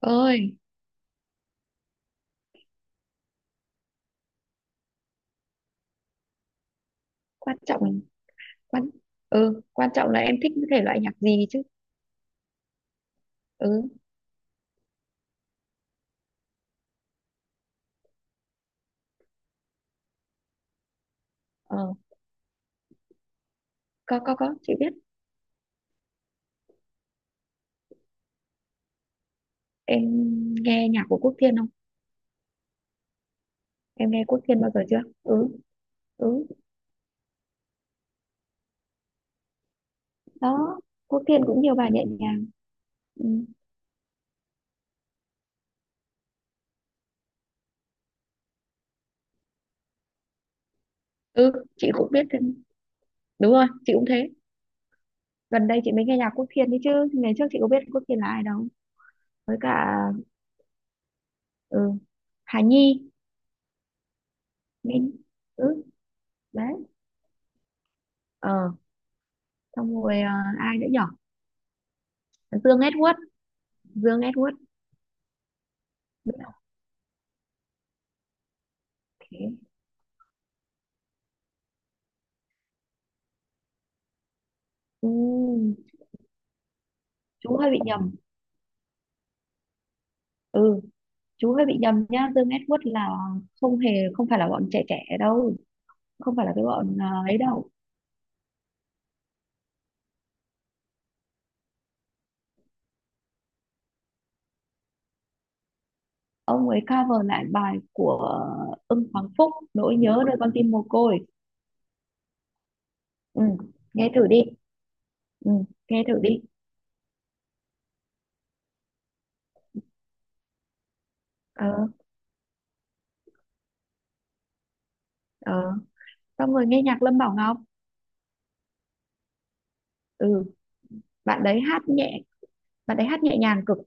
Ơi. quan trọng quan Quan trọng là em thích cái thể loại nhạc gì chứ. Ừ, ờ có, chị biết. Em nghe nhạc của Quốc Thiên không? Em nghe Quốc Thiên bao giờ chưa? Ừ. Ừ. Đó, Quốc Thiên cũng nhiều bài nhẹ nhàng. Ừ, ừ, chị cũng biết thêm. Đúng rồi, chị cũng thế. Gần đây chị mới nghe nhạc Quốc Thiên đấy chứ ngày trước chị có biết Quốc Thiên là ai đâu. Với cả, ừ, Hà Nhi. Minh. Ừ. Đấy. ờ Xong rồi, ai nữa nhở? Dương Edward. Dương Edward, biết không? Thế. Ừ, chú hơi bị nhầm. Ừ, chú hơi bị nhầm nhá. Dương Edward là không hề, không phải là bọn trẻ trẻ đâu, không phải là cái bọn, à, ấy đâu. Ông ấy cover lại bài của Ưng Hoàng Phúc, nỗi nhớ nơi con tim mồ côi. Ừ, nghe thử đi. Ừ, nghe thử đi. ờ, ờ. Xong rồi nghe nhạc Lâm Bảo Ngọc. Ừ, bạn đấy hát nhẹ bạn đấy hát nhẹ nhàng cực,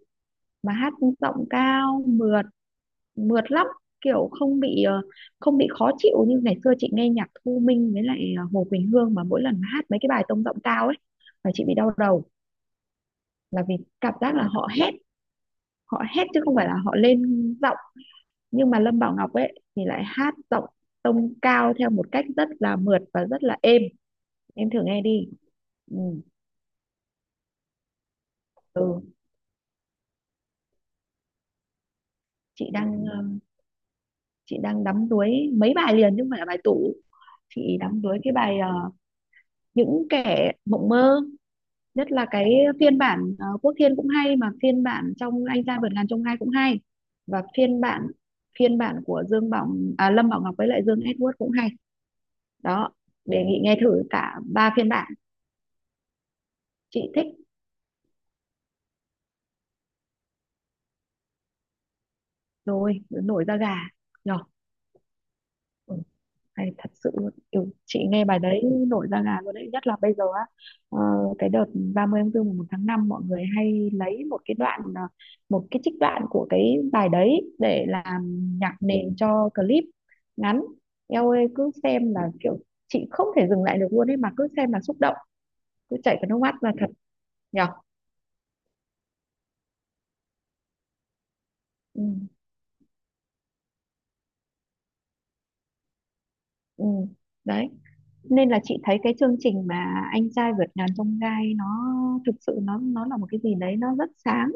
mà hát giọng cao, mượt mượt lắm. Kiểu không bị khó chịu như ngày xưa chị nghe nhạc Thu Minh với lại, Hồ Quỳnh Hương, mà mỗi lần hát mấy cái bài tông giọng cao ấy là chị bị đau đầu. Là vì cảm giác là họ hét, họ hét chứ không phải là họ lên giọng. Nhưng mà Lâm Bảo Ngọc ấy thì lại hát giọng tông cao theo một cách rất là mượt và rất là êm. Em thử nghe đi. Ừ, ừ. Chị đang đắm đuối mấy bài liền chứ không phải là bài tủ. Chị đắm đuối cái bài, những kẻ mộng mơ. Nhất là cái phiên bản, Quốc Thiên cũng hay, mà phiên bản trong Anh Trai Vượt Ngàn Chông Gai cũng hay, và phiên bản của Dương Bảo, à, Lâm Bảo Ngọc với lại Dương Edward cũng hay. Đó. Đề nghị nghe thử cả ba phiên bản. Chị thích rồi, nổi da gà. Nhở? Hay thật sự luôn, kiểu chị nghe bài đấy nổi da gà luôn đấy, nhất là bây giờ á, ờ, cái đợt 30 tháng 4 mùng 1 tháng 5 mọi người hay lấy một cái đoạn, à, một cái trích đoạn của cái bài đấy để làm nhạc nền cho clip ngắn. Eo ơi, cứ xem là kiểu chị không thể dừng lại được luôn ấy, mà cứ xem là xúc động, cứ chảy cả nước mắt là thật. Nhở. Ừ, ừ. Đấy. Nên là chị thấy cái chương trình mà Anh Trai Vượt Ngàn Chông Gai nó thực sự nó là một cái gì đấy, nó rất sáng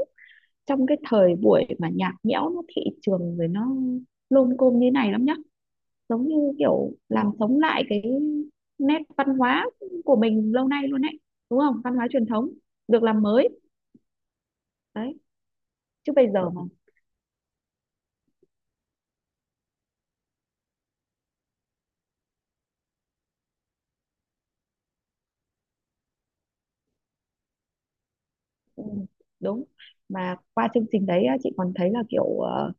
trong cái thời buổi mà nhạt nhẽo, nó thị trường rồi nó lôm côm như này lắm nhá. Giống như kiểu làm sống lại cái nét văn hóa của mình lâu nay luôn ấy, đúng không? Văn hóa truyền thống được làm mới. Đấy, chứ bây giờ mà. Ừ, đúng. Mà qua chương trình đấy á, chị còn thấy là kiểu,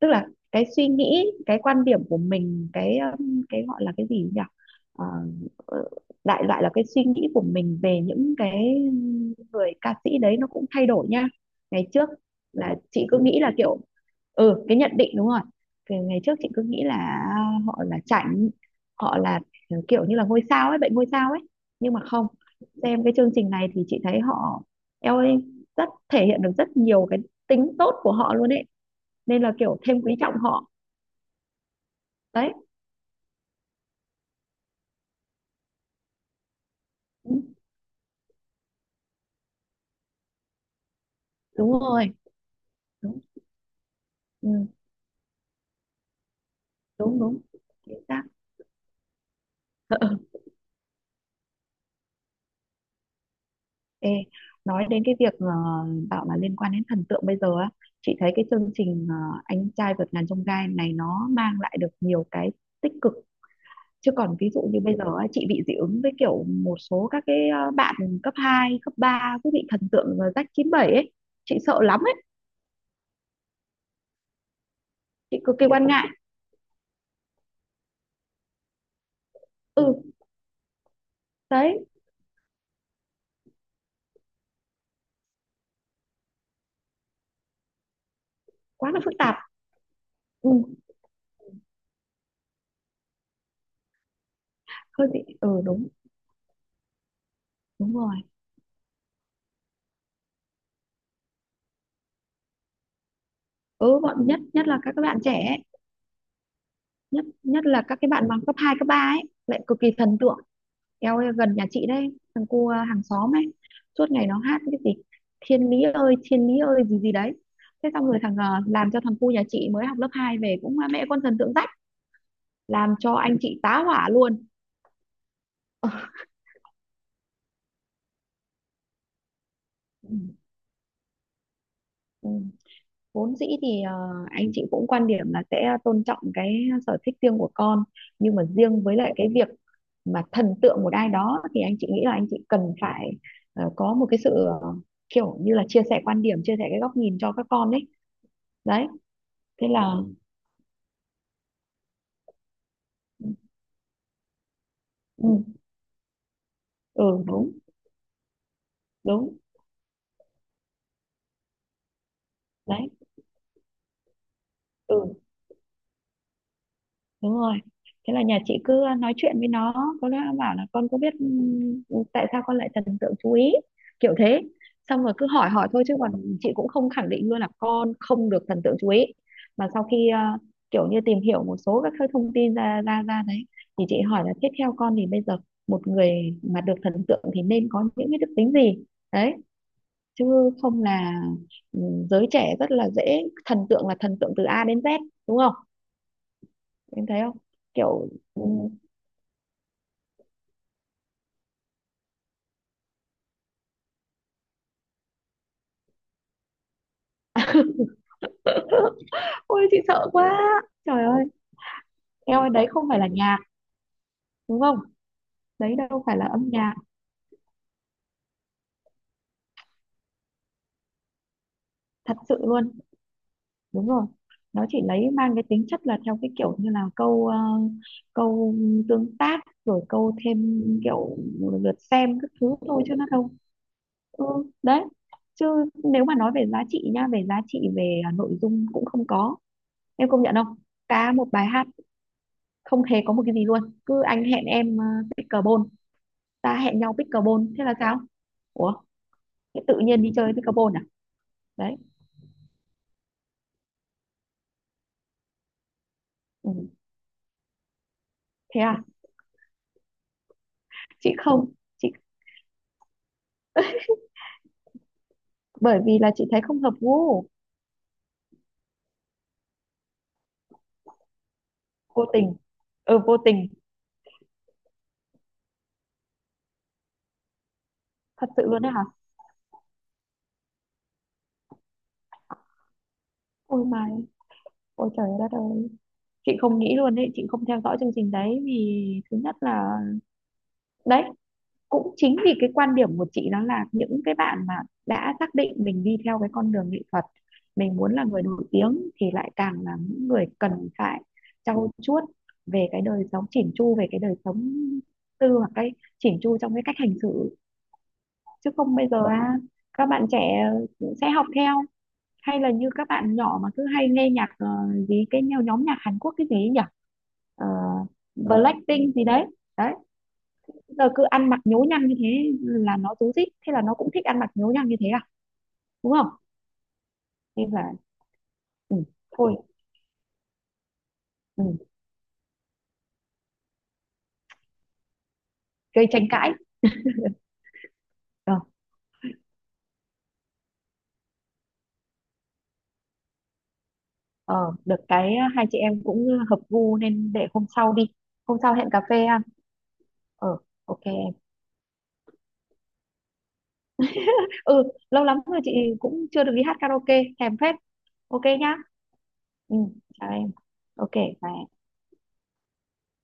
tức là cái suy nghĩ cái quan điểm của mình, cái gọi là cái gì nhỉ? Ờ, ờ, Đại loại là cái suy nghĩ của mình về những cái người ca sĩ đấy nó cũng thay đổi nha. Ngày trước là chị cứ nghĩ là kiểu, ừ, cái nhận định, đúng rồi. Cái ngày trước chị cứ nghĩ là họ là chảnh, họ là, ừ, kiểu như là ngôi sao ấy, bệnh ngôi sao ấy. Nhưng mà không, xem cái chương trình này thì chị thấy họ, eo ơi, rất thể hiện được rất nhiều cái tính tốt của họ luôn ấy, nên là kiểu thêm quý trọng họ. Đấy. Ừ, đúng rồi. Đúng. Ừ, đúng, đúng. Chính xác. Ê, nói đến cái việc, bảo là liên quan đến thần tượng bây giờ á, chị thấy cái chương trình, Anh Trai Vượt Ngàn Chông Gai này nó mang lại được nhiều cái tích cực. Chứ còn ví dụ như bây giờ á, chị bị dị ứng với kiểu một số các cái, bạn cấp 2 cấp 3 cứ bị thần tượng, rách 97 ấy. Chị sợ lắm ấy. Chị cực kỳ quan ngại. Ừ. Đấy. Quá là phức tạp. Ừ, hơi bị. Ừ, đúng. Đúng rồi. Ừ, bọn, nhất nhất là các bạn trẻ ấy. Nhất nhất là các cái bạn bằng cấp 2 cấp 3 ấy lại cực kỳ thần tượng. Eo ơi, gần nhà chị đấy, thằng cu, à, hàng xóm ấy, suốt ngày nó hát cái gì thiên lý ơi gì gì đấy. Thế xong rồi thằng, à, làm cho thằng cu nhà chị mới học lớp 2 về cũng, à, mẹ con thần tượng rách, làm cho anh chị tá hỏa luôn. Ừ, ừ. Vốn dĩ thì, anh chị cũng quan điểm là sẽ tôn trọng cái sở thích riêng của con, nhưng mà riêng với lại cái việc mà thần tượng một ai đó thì anh chị nghĩ là anh chị cần phải, có một cái sự, ờ, kiểu như là chia sẻ quan điểm, chia sẻ cái góc nhìn cho các con ấy. Đấy. Thế là. Ừ. Ừ, ừ, đúng, đúng. Đấy. Ừ, đúng rồi. Thế là nhà chị cứ nói chuyện với nó. Có lẽ nó bảo là con có biết, tại sao con lại thần tượng chú ý, kiểu thế. Xong rồi cứ hỏi hỏi thôi, chứ còn chị cũng không khẳng định luôn là con không được thần tượng chú ý, mà sau khi, kiểu như tìm hiểu một số các cái thông tin ra ra ra đấy, thì chị hỏi là tiếp theo con thì bây giờ một người mà được thần tượng thì nên có những cái đức tính gì. Đấy, chứ không là, giới trẻ rất là dễ thần tượng, là thần tượng từ A đến Z. Đúng không, em thấy không? Kiểu. Ừ. Ôi chị sợ quá, trời ơi. Em ơi, đấy không phải là nhạc, đúng không? Đấy đâu phải là âm nhạc. Thật sự luôn. Đúng rồi. Nó chỉ lấy mang cái tính chất là theo cái kiểu như là câu, câu tương tác, rồi câu thêm kiểu lượt xem các thứ thôi, chứ nó đâu. Ừ. Đấy, chứ nếu mà nói về giá trị nha, về giá trị, về, nội dung cũng không có. Em công nhận không? Cả một bài hát không hề có một cái gì luôn. Cứ anh hẹn em, pickleball, ta hẹn nhau pickleball, thế là sao? Ủa, thế tự nhiên đi chơi pickleball à? Đấy. Ừ. Thế à? Chị không chị Bởi vì là chị thấy không hợp gu. Vô tình. Ừ, vô tình. Thật sự luôn đấy hả? Ôi mà, ôi trời đất ơi, chị không nghĩ luôn đấy. Chị không theo dõi chương trình đấy, vì thứ nhất là, đấy, cũng chính vì cái quan điểm của chị, đó là những cái bạn mà đã xác định mình đi theo cái con đường nghệ thuật, mình muốn là người nổi tiếng thì lại càng là những người cần phải trau chuốt về cái đời sống, chỉn chu về cái đời sống tư, hoặc cái chỉn chu trong cái cách hành xử. Chứ không bây giờ, à, các bạn trẻ sẽ học theo, hay là như các bạn nhỏ mà cứ hay nghe nhạc, gì cái nhóm nhạc Hàn Quốc cái gì ấy nhỉ? Ờ, Blackpink gì đấy. Đấy, giờ cứ ăn mặc nhố nhăng như thế là nó rối rít, thế là nó cũng thích ăn mặc nhố nhăng như thế à, đúng không? Nên là, ừ, thôi. Ừ, gây tranh cãi. ờ, ờ, Được cái hai chị em cũng hợp gu, nên để hôm sau đi. Hôm sau hẹn cà phê ăn. Ờ, ok em. Ừ, lâu lắm rồi chị cũng chưa được đi hát karaoke, thèm phết. Ok nhá. Ừ, chào em. Ok bye em.